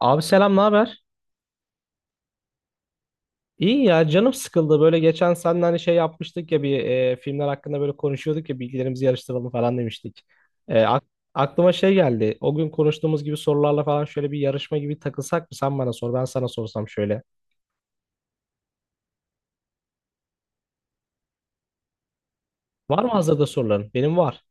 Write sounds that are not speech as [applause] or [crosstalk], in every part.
Abi selam, ne haber? İyi ya canım sıkıldı. Böyle geçen seninle hani şey yapmıştık ya bir filmler hakkında böyle konuşuyorduk ya bilgilerimizi yarıştıralım falan demiştik. E, ak- Aklıma şey geldi. O gün konuştuğumuz gibi sorularla falan şöyle bir yarışma gibi takılsak mı? Sen bana sor, ben sana sorsam şöyle. Var mı hazırda soruların? Benim var.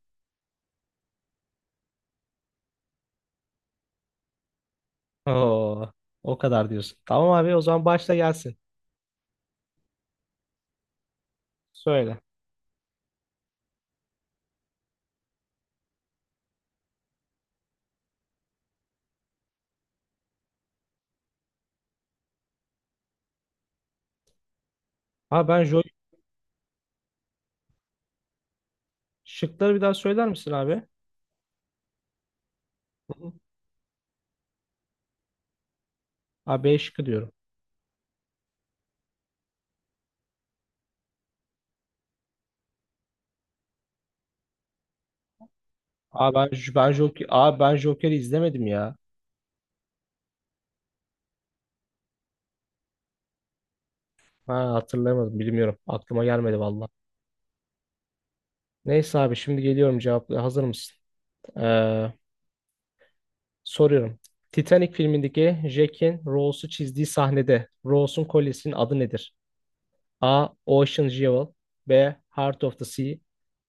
Oo, o kadar diyorsun. Tamam abi, o zaman başla gelsin. Söyle. Abi ben jo, şıkları bir daha söyler misin abi? Hı hı. Abi B şıkkı diyorum. Abi ben, Joker, abi ben Joker'i izlemedim ya. Ha, hatırlayamadım, bilmiyorum. Aklıma gelmedi valla. Neyse abi, şimdi geliyorum, cevapla. Hazır mısın? Ee, Soruyorum. Titanic filmindeki Jack'in Rose'u çizdiği sahnede Rose'un kolyesinin adı nedir? A. Ocean Jewel. B. Heart of the Sea.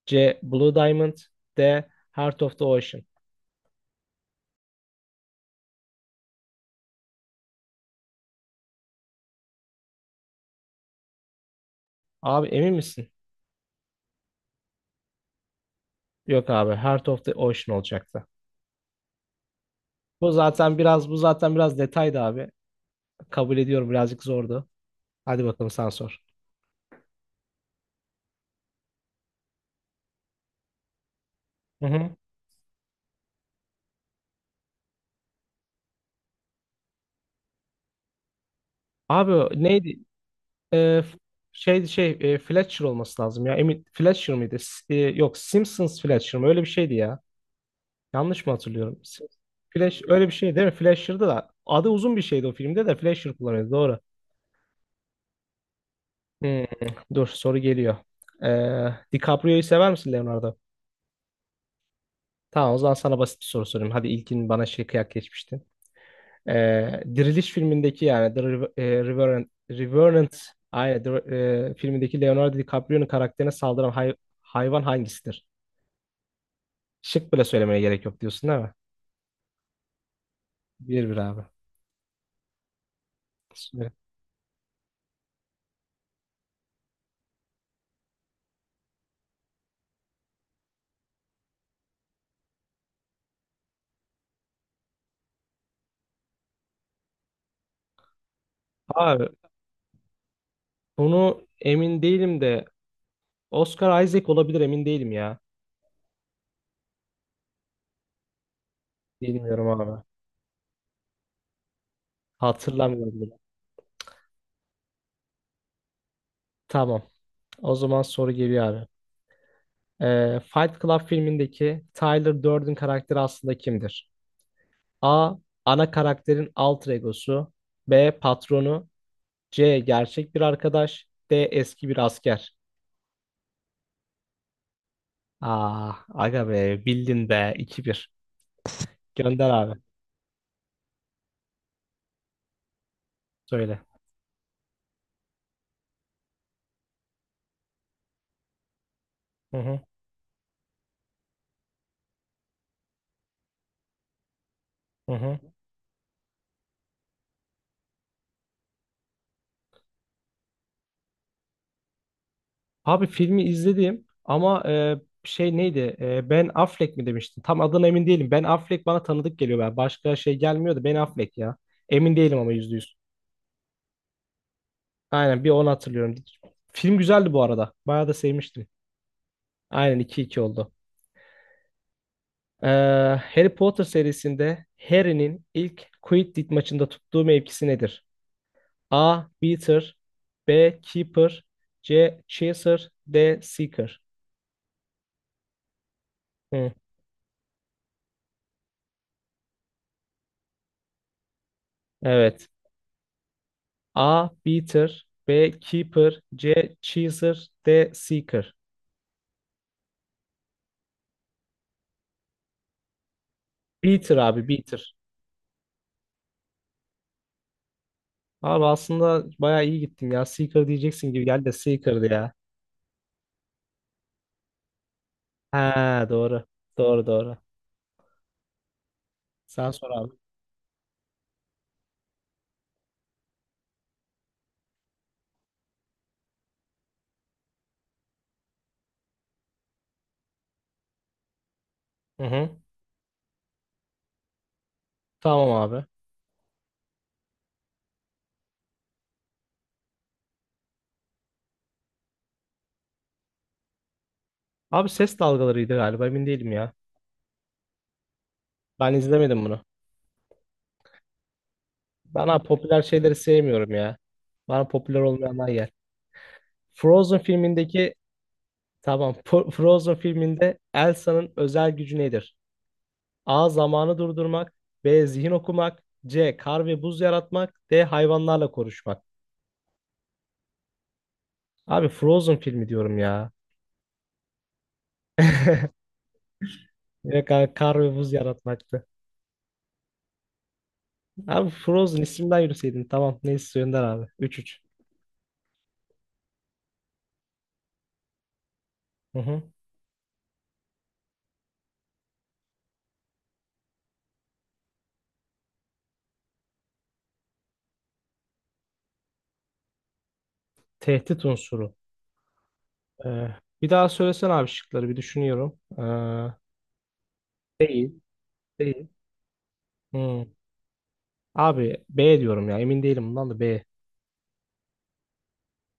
C. Blue Diamond. D. Heart of the Ocean. Abi emin misin? Yok abi, Heart of the Ocean olacaktı. Bu zaten biraz detaydı abi. Kabul ediyorum, birazcık zordu. Hadi bakalım, sen sor. Hı hı. Abi neydi? Ee, f- Fletcher olması lazım ya. Emin Fletcher mıydı? Yok, Simpsons Fletcher mı? Öyle bir şeydi ya. Yanlış mı hatırlıyorum? Sim- Flash, öyle bir şey değil mi? Fletcher'dı da adı, uzun bir şeydi o filmde de Fletcher kullanıyordu. Doğru. Hmm, dur, soru geliyor. DiCaprio'yu sever misin, Leonardo? Tamam, o zaman sana basit bir soru sorayım. Hadi ilkin bana şey, kıyak geçmiştin. Diriliş filmindeki yani The Revenant aynen, filmindeki Leonardo DiCaprio'nun karakterine saldıran hayvan hangisidir? Şık bile söylemeye gerek yok diyorsun, değil mi? Bir bir abi. Süper. Abi bunu emin değilim de Oscar Isaac olabilir, emin değilim ya. Bilmiyorum abi. Hatırlamıyorum bile. Tamam. O zaman soru geliyor abi. Fight Club filmindeki Tyler Durden karakteri aslında kimdir? A. Ana karakterin alter egosu. B. Patronu. C. Gerçek bir arkadaş. D. Eski bir asker. Aa, aga be, bildin be. 2 bir. Gönder abi. Söyle. Hı hı. Hı hı. Abi filmi izledim ama şey neydi? Ben Affleck mi demiştin? Tam adına emin değilim. Ben Affleck bana tanıdık geliyor. Ben. Başka şey gelmiyordu. Ben Affleck ya. Emin değilim ama yüzde yüz. Aynen, bir onu hatırlıyorum. Film güzeldi bu arada. Bayağı da sevmiştim. Aynen, iki iki oldu. Ee, Harry Potter serisinde Harry'nin ilk Quidditch maçında tuttuğu mevkisi nedir? A. Beater. B. Keeper. C. Chaser. D. Seeker. Hı, evet. A. Beater. B. Keeper. C. Cheeser. D. Seeker. Beater abi, Beater. Abi aslında bayağı iyi gittim ya. Seeker diyeceksin gibi geldi de Seeker'dı ya. Ha doğru. Doğru doğru. Sen sor abi. Hı hı. Tamam abi. Abi ses dalgalarıydı galiba, emin değilim ya. Ben izlemedim bunu. Ben abi popüler şeyleri sevmiyorum ya. Bana popüler olmayanlar yer. Frozen filmindeki tamam, Frozen filminde Elsa'nın özel gücü nedir? A. Zamanı durdurmak. B. Zihin okumak. C. Kar ve buz yaratmak. D. Hayvanlarla konuşmak. Abi Frozen filmi diyorum ya. [laughs] Direkt abi, kar ve buz yaratmaktı. Abi Frozen isminden yürüseydin. Tamam neyse Önder abi. 3-3. Hı hı. Tehdit unsuru. Ee, Bir daha söylesene abi şıkları, bir düşünüyorum. Değil. Değil. Hmm. Abi B diyorum ya, emin değilim bundan da, B.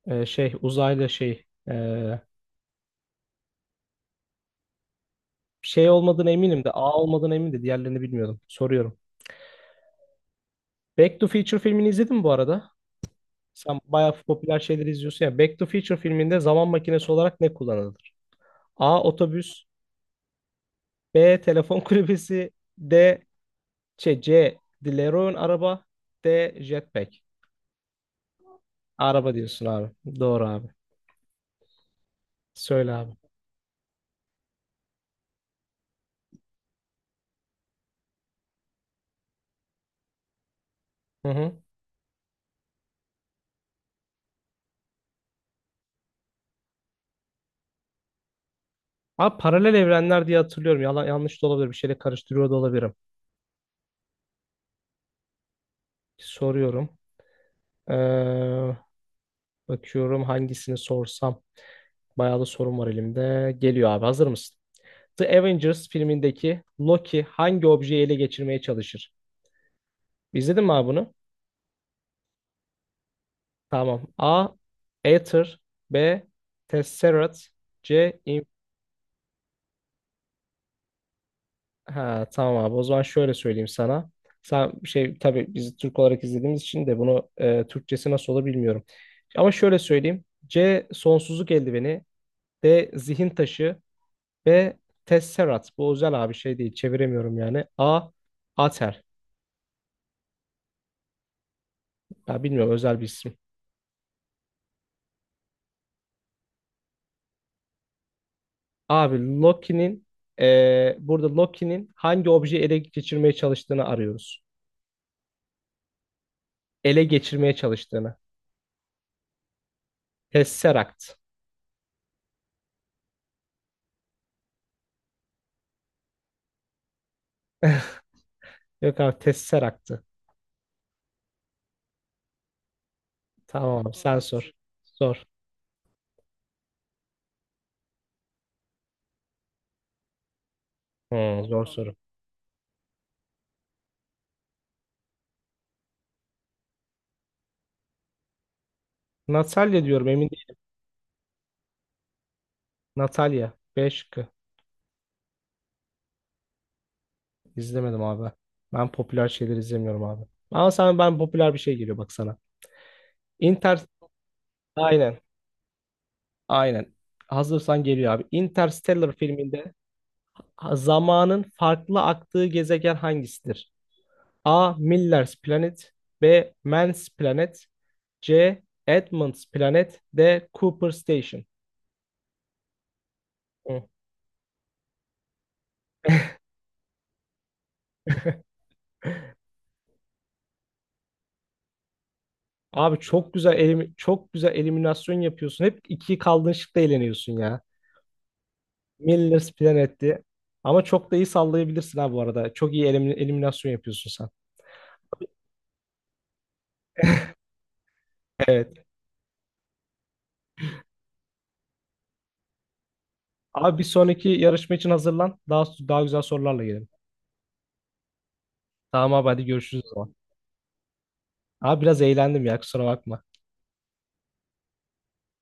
Şey, uzaylı şey. ee, Şey olmadığına eminim de, A olmadığına eminim de diğerlerini bilmiyordum. Soruyorum. Back to Future filmini izledin mi bu arada? Sen bayağı popüler şeyleri izliyorsun ya. Back to Future filminde zaman makinesi olarak ne kullanılır? A. Otobüs. B. Telefon [laughs] kulübesi. D. Şey, C. DeLorean araba. D. Jetpack. Araba diyorsun abi. Doğru abi. Söyle abi. Hı hı. Abi paralel evrenler diye hatırlıyorum. Yalan, yanlış da olabilir. Bir şeyle karıştırıyor da olabilirim. Soruyorum. Ee, Bakıyorum hangisini sorsam. Bayağı da sorum var elimde. Geliyor abi, hazır mısın? The Avengers filmindeki Loki hangi objeyi ele geçirmeye çalışır? İzledin mi abi bunu? Tamam. A. Aether. B. Tesseract. C. İn-. Ha, tamam abi, o zaman şöyle söyleyeyim sana. Sen şey, tabii biz Türk olarak izlediğimiz için de bunu Türkçesi nasıl olur bilmiyorum. Ama şöyle söyleyeyim. C. Sonsuzluk eldiveni. D. Zihin taşı. B. Tesserat. Bu özel abi, şey değil. Çeviremiyorum yani. A. Ater. Ya bilmiyorum, özel bir isim. Abi Loki'nin burada Loki'nin hangi objeyi ele geçirmeye çalıştığını arıyoruz. Ele geçirmeye çalıştığını. Tesseract. Yok abi, Tesseract'tı. Tamam abi, sen sor. Sor. Hmm, zor soru. Natalya diyorum, emin değilim. Natalya. B şıkkı. İzlemedim abi. Ben popüler şeyleri izlemiyorum abi. Ama sen, ben popüler bir şey geliyor bak sana. Inter, aynen. Aynen. Hazırsan geliyor abi. Interstellar filminde zamanın farklı aktığı gezegen hangisidir? A. Miller's Planet. B. Mann's Planet. C. Edmund's Planet. D. Cooper Station. Hı. Abi çok güzel elim, çok güzel eliminasyon yapıyorsun. Hep iki kaldığın şıkta eğleniyorsun ya. Miller's Planet'ti. Ama çok da iyi sallayabilirsin ha bu arada. Çok iyi eliminasyon yapıyorsun sen. Evet. Abi bir sonraki yarışma için hazırlan. Daha güzel sorularla gelelim. Tamam abi, hadi görüşürüz o zaman. Abi biraz eğlendim ya, kusura bakma.